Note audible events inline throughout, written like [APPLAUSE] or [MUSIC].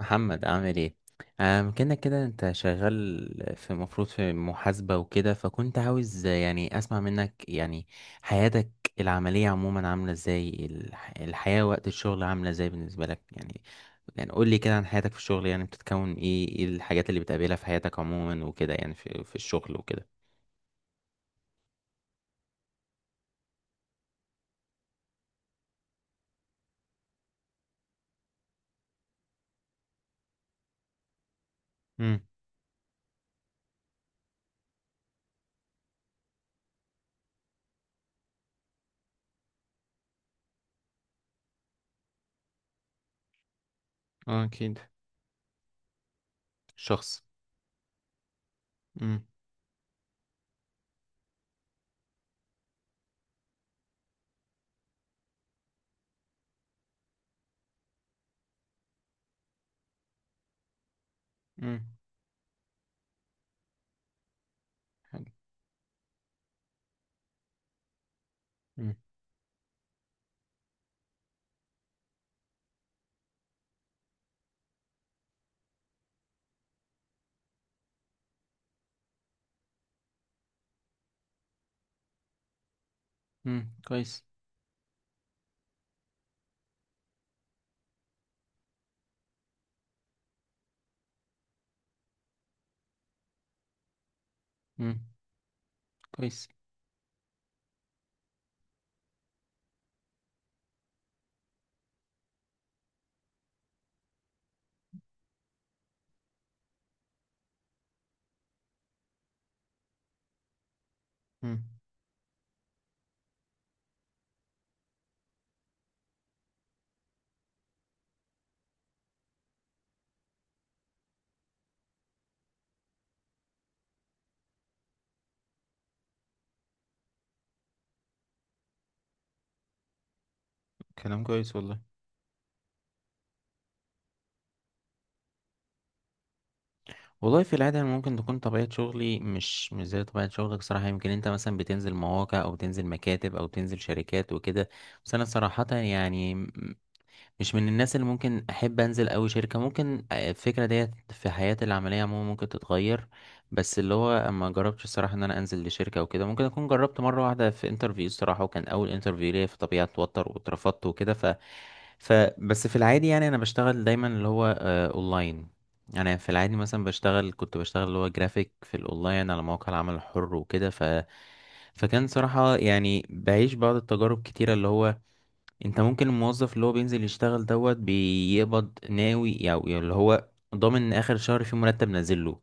محمد عامل ايه؟ كنا كده، انت شغال في، مفروض، في محاسبة وكده. فكنت عاوز يعني اسمع منك يعني حياتك العملية عموما عاملة ازاي. الحياة وقت الشغل عاملة ازاي بالنسبة لك يعني قول لي كده عن حياتك في الشغل، يعني بتتكون ايه، ايه الحاجات اللي بتقابلها في حياتك عموما وكده يعني، في الشغل وكده. امم. اه، اكيد. الشخص. امم. امم. حلو. امم. كويس. امم كويس. امم كلام كويس والله. والله في العادة أنا ممكن تكون طبيعة شغلي مش زي طبيعة شغلك صراحة. يمكن انت مثلا بتنزل مواقع او بتنزل مكاتب او بتنزل شركات وكده، بس انا صراحة يعني مش من الناس اللي ممكن احب انزل اوي شركة. ممكن آه، الفكرة ديت في حياتي العملية عموما ممكن تتغير. بس اللي هو ما جربتش الصراحة ان انا انزل لشركة او كده. ممكن اكون جربت مرة واحدة في انترفيو الصراحة، وكان اول انترفيو ليا، فطبيعي اتوتر، واترفضت وكده. فبس في العادي يعني انا بشتغل دايما اللي هو آه، اونلاين. يعني في العادي مثلا بشتغل، كنت بشتغل اللي هو جرافيك في الاونلاين على مواقع العمل الحر وكده. فكان صراحة يعني بعيش بعض التجارب كتيرة، اللي هو انت ممكن الموظف اللي هو بينزل يشتغل دوت بيقبض ناوي، او يعني اللي هو ضامن ان اخر شهر في مرتب نازل له.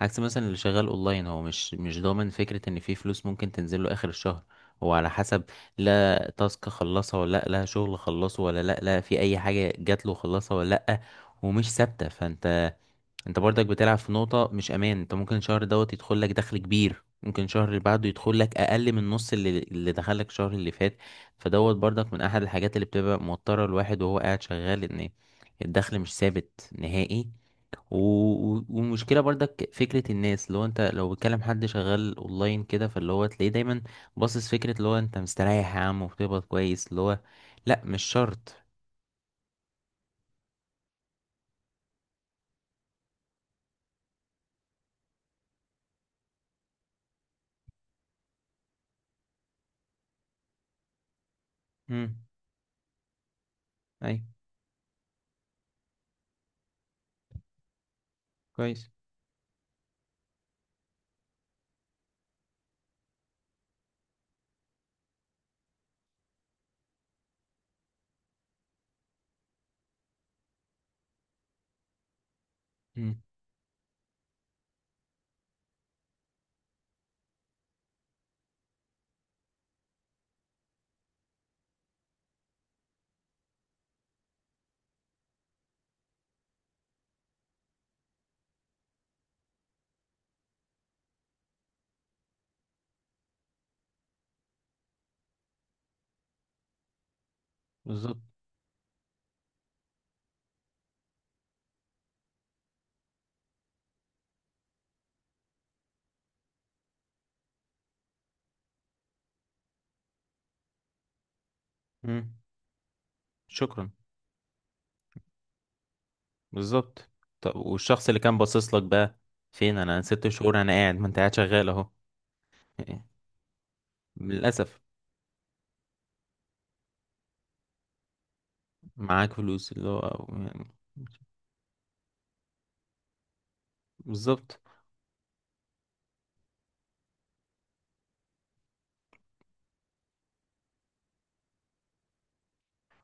عكس مثلا اللي شغال اونلاين، هو مش ضامن فكرة ان في فلوس ممكن تنزل له اخر الشهر. هو على حسب لا تاسك خلصها ولا لا، لا شغل خلصه ولا لا، لا في اي حاجة جات له خلصها ولا لا. ومش ثابتة، فانت، انت برضك بتلعب في نقطة مش امان. انت ممكن الشهر دوت يدخل لك دخل كبير، ممكن الشهر اللي بعده يدخل لك اقل من نص اللي دخل لك الشهر اللي فات. فدوت برضك من احد الحاجات اللي بتبقى موترة الواحد وهو قاعد شغال، ان الدخل مش ثابت نهائي. والمشكلة برضك فكرة الناس، اللي هو انت لو بتكلم حد شغال اونلاين كده، فاللي هو تلاقيه دايما باصص فكرة اللي هو انت مستريح يا عم وبتقبض كويس، اللي هو لا مش شرط. امم. اي. كويس. امم. بالظبط. امم. شكرا. بالظبط. طب والشخص اللي كان باصص لك بقى، فين؟ انا 6 شهور انا قاعد. ما انت قاعد شغال اهو. [LAUGHS] يعني للاسف. معاك فلوس اللي هو يعني. بالظبط.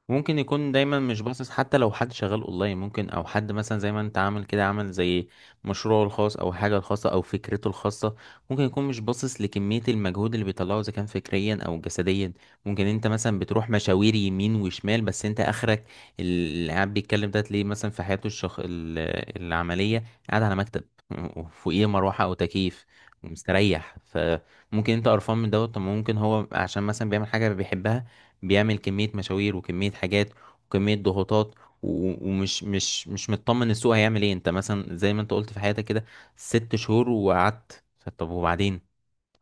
ممكن يكون دايما مش باصص، حتى لو حد شغال اونلاين. ممكن او حد مثلا زي ما انت عامل كده، عامل زي مشروعه الخاص او حاجه الخاصه او فكرته الخاصه. ممكن يكون مش باصص لكميه المجهود اللي بيطلعه، اذا كان فكريا او جسديا. ممكن انت مثلا بتروح مشاوير يمين وشمال، بس انت اخرك. اللي قاعد بيتكلم ده تلاقيه مثلا في حياته العمليه، قاعد على مكتب [LAUGHS] وفوقيه مروحه او تكييف ومستريح. فممكن انت قرفان من دوت. طب ممكن هو عشان مثلا بيعمل حاجه بيحبها، بيعمل كمية مشاوير وكمية حاجات وكمية ضغوطات. ومش مش مطمن السوق هيعمل ايه. انت مثلا زي ما انت قلت في حياتك كده، 6 شهور وقعدت، طب وبعدين؟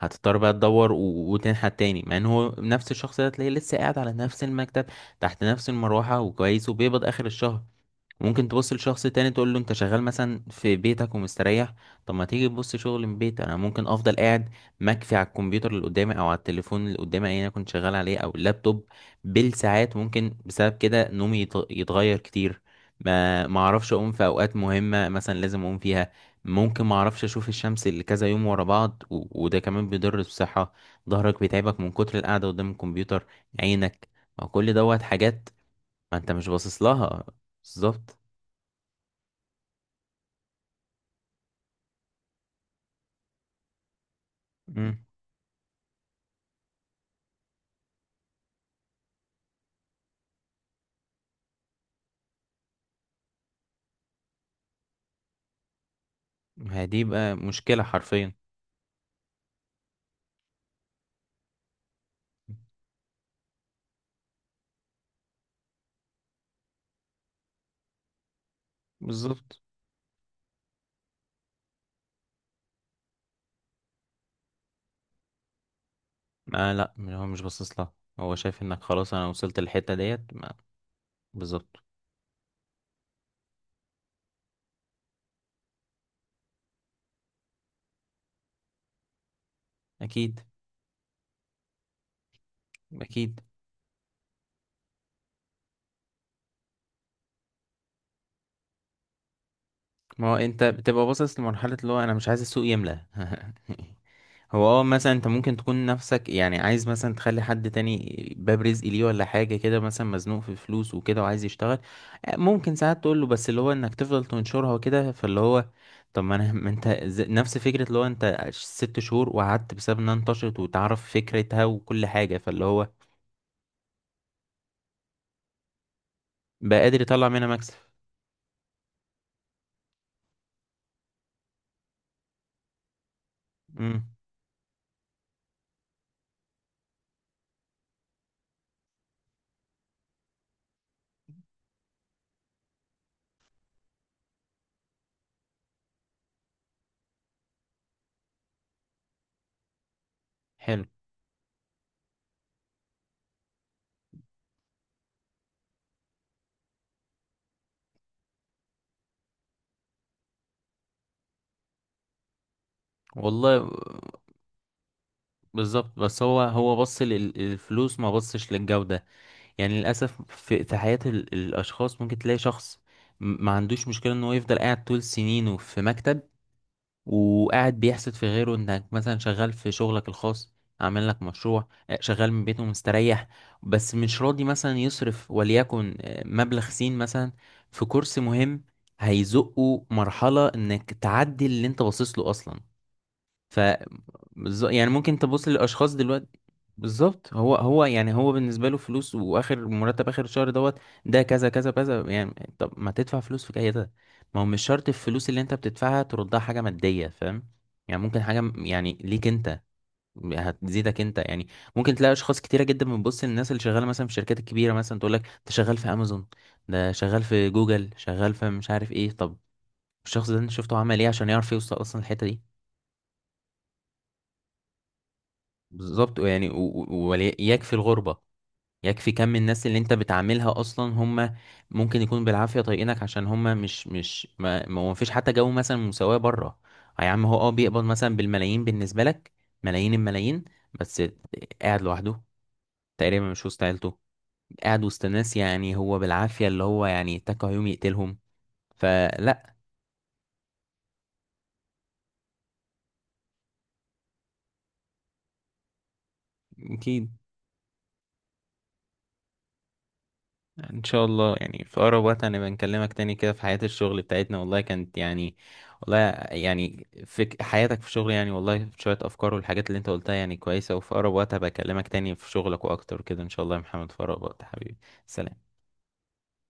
هتضطر بقى تدور وتنحت تاني، مع ان هو نفس الشخص ده تلاقيه لسه قاعد على نفس المكتب تحت نفس المروحة وكويس وبيقبض اخر الشهر. ممكن تبص لشخص تاني تقول له انت شغال مثلا في بيتك ومستريح. طب ما تيجي تبص شغل من بيت، انا ممكن افضل قاعد مكفي على الكمبيوتر اللي قدامي او على التليفون اللي قدامي اللي انا كنت شغال عليه او اللابتوب بالساعات. ممكن بسبب كده نومي يتغير كتير، ما اعرفش اقوم في اوقات مهمة مثلا لازم اقوم فيها. ممكن ما اعرفش اشوف الشمس اللي كذا يوم ورا بعض، وده كمان بيضر بالصحة. ظهرك بيتعبك من كتر القعدة قدام الكمبيوتر، عينك. ما كل دوت حاجات ما انت مش باصص لها. بالظبط. مم. هي دي بقى مشكلة حرفيا. بالظبط. آه لا، هو مش باصص لها. هو شايف انك خلاص انا وصلت للحتة ديت. بالظبط. اكيد، اكيد. ما هو انت بتبقى باصص لمرحلة اللي هو انا مش عايز السوق يملى. [LAUGHS] هو اه مثلا انت ممكن تكون نفسك يعني عايز مثلا تخلي حد تاني باب رزق ليه، ولا حاجة كده مثلا مزنوق في فلوس وكده وعايز يشتغل. آه، ممكن ساعات تقول له، بس اللي هو انك تفضل تنشرها وكده فاللي هو طب ما انا [LAUGHS] ما انت نفس فكرة اللي هو انت ست شهور وقعدت بسبب انها انتشرت وتعرف فكرتها وكل حاجة، فاللي هو بقى قادر يطلع منها مكسب. امم. حلو. والله. بالظبط. بس هو، هو بص للفلوس ما بصش للجودة. يعني للأسف في في حياة الأشخاص ممكن تلاقي شخص ما عندوش مشكلة إن هو يفضل قاعد طول سنينه في مكتب، وقاعد بيحسد في غيره إنك مثلا شغال في شغلك الخاص، عامل لك مشروع، آه، شغال من بيته مستريح. بس مش راضي مثلا يصرف وليكن آه، مبلغ سين مثلا في كورس مهم هيزقه مرحلة إنك تعدي اللي أنت باصص له أصلا. ف يعني ممكن تبص للاشخاص دلوقتي. بالظبط، هو، هو يعني هو بالنسبه له فلوس، واخر مرتب اخر الشهر دوت ده كذا كذا كذا يعني. طب ما تدفع فلوس في كده؟ ما هو مش شرط الفلوس اللي انت بتدفعها تردها حاجه ماديه، فاهم يعني. ممكن حاجه يعني ليك انت هتزيدك انت يعني. ممكن تلاقي اشخاص كتيره جدا بتبص للناس اللي شغاله مثلا في الشركات الكبيره، مثلا تقول لك انت شغال في امازون، ده شغال في جوجل، شغال في مش عارف ايه. طب الشخص ده انت شفته عمل ايه عشان يعرف يوصل اصلا الحته دي؟ بالظبط يعني ويكفي الغربة، يكفي كم الناس اللي انت بتعاملها اصلا. هم ممكن يكون بالعافية طايقينك عشان هم مش مش ما هو مفيش حتى جو مثلا مساواة بره. يا عم، هو اه بيقبض مثلا بالملايين، بالنسبة لك ملايين الملايين، بس قاعد لوحده، تقريبا مش وسط عيلته، قاعد وسط ناس يعني هو بالعافية اللي هو يعني اتكى يوم يقتلهم. فلا. اكيد. ان شاء الله يعني في اقرب وقت هنبقى نكلمك تاني كده في حياة الشغل بتاعتنا، والله كانت يعني، والله يعني في حياتك في الشغل، يعني والله شوية افكار والحاجات اللي انت قلتها يعني كويسة. وفي اقرب وقت هبقى اكلمك تاني في شغلك واكتر كده ان شاء الله يا محمد، في اقرب وقت حبيبي. سلام.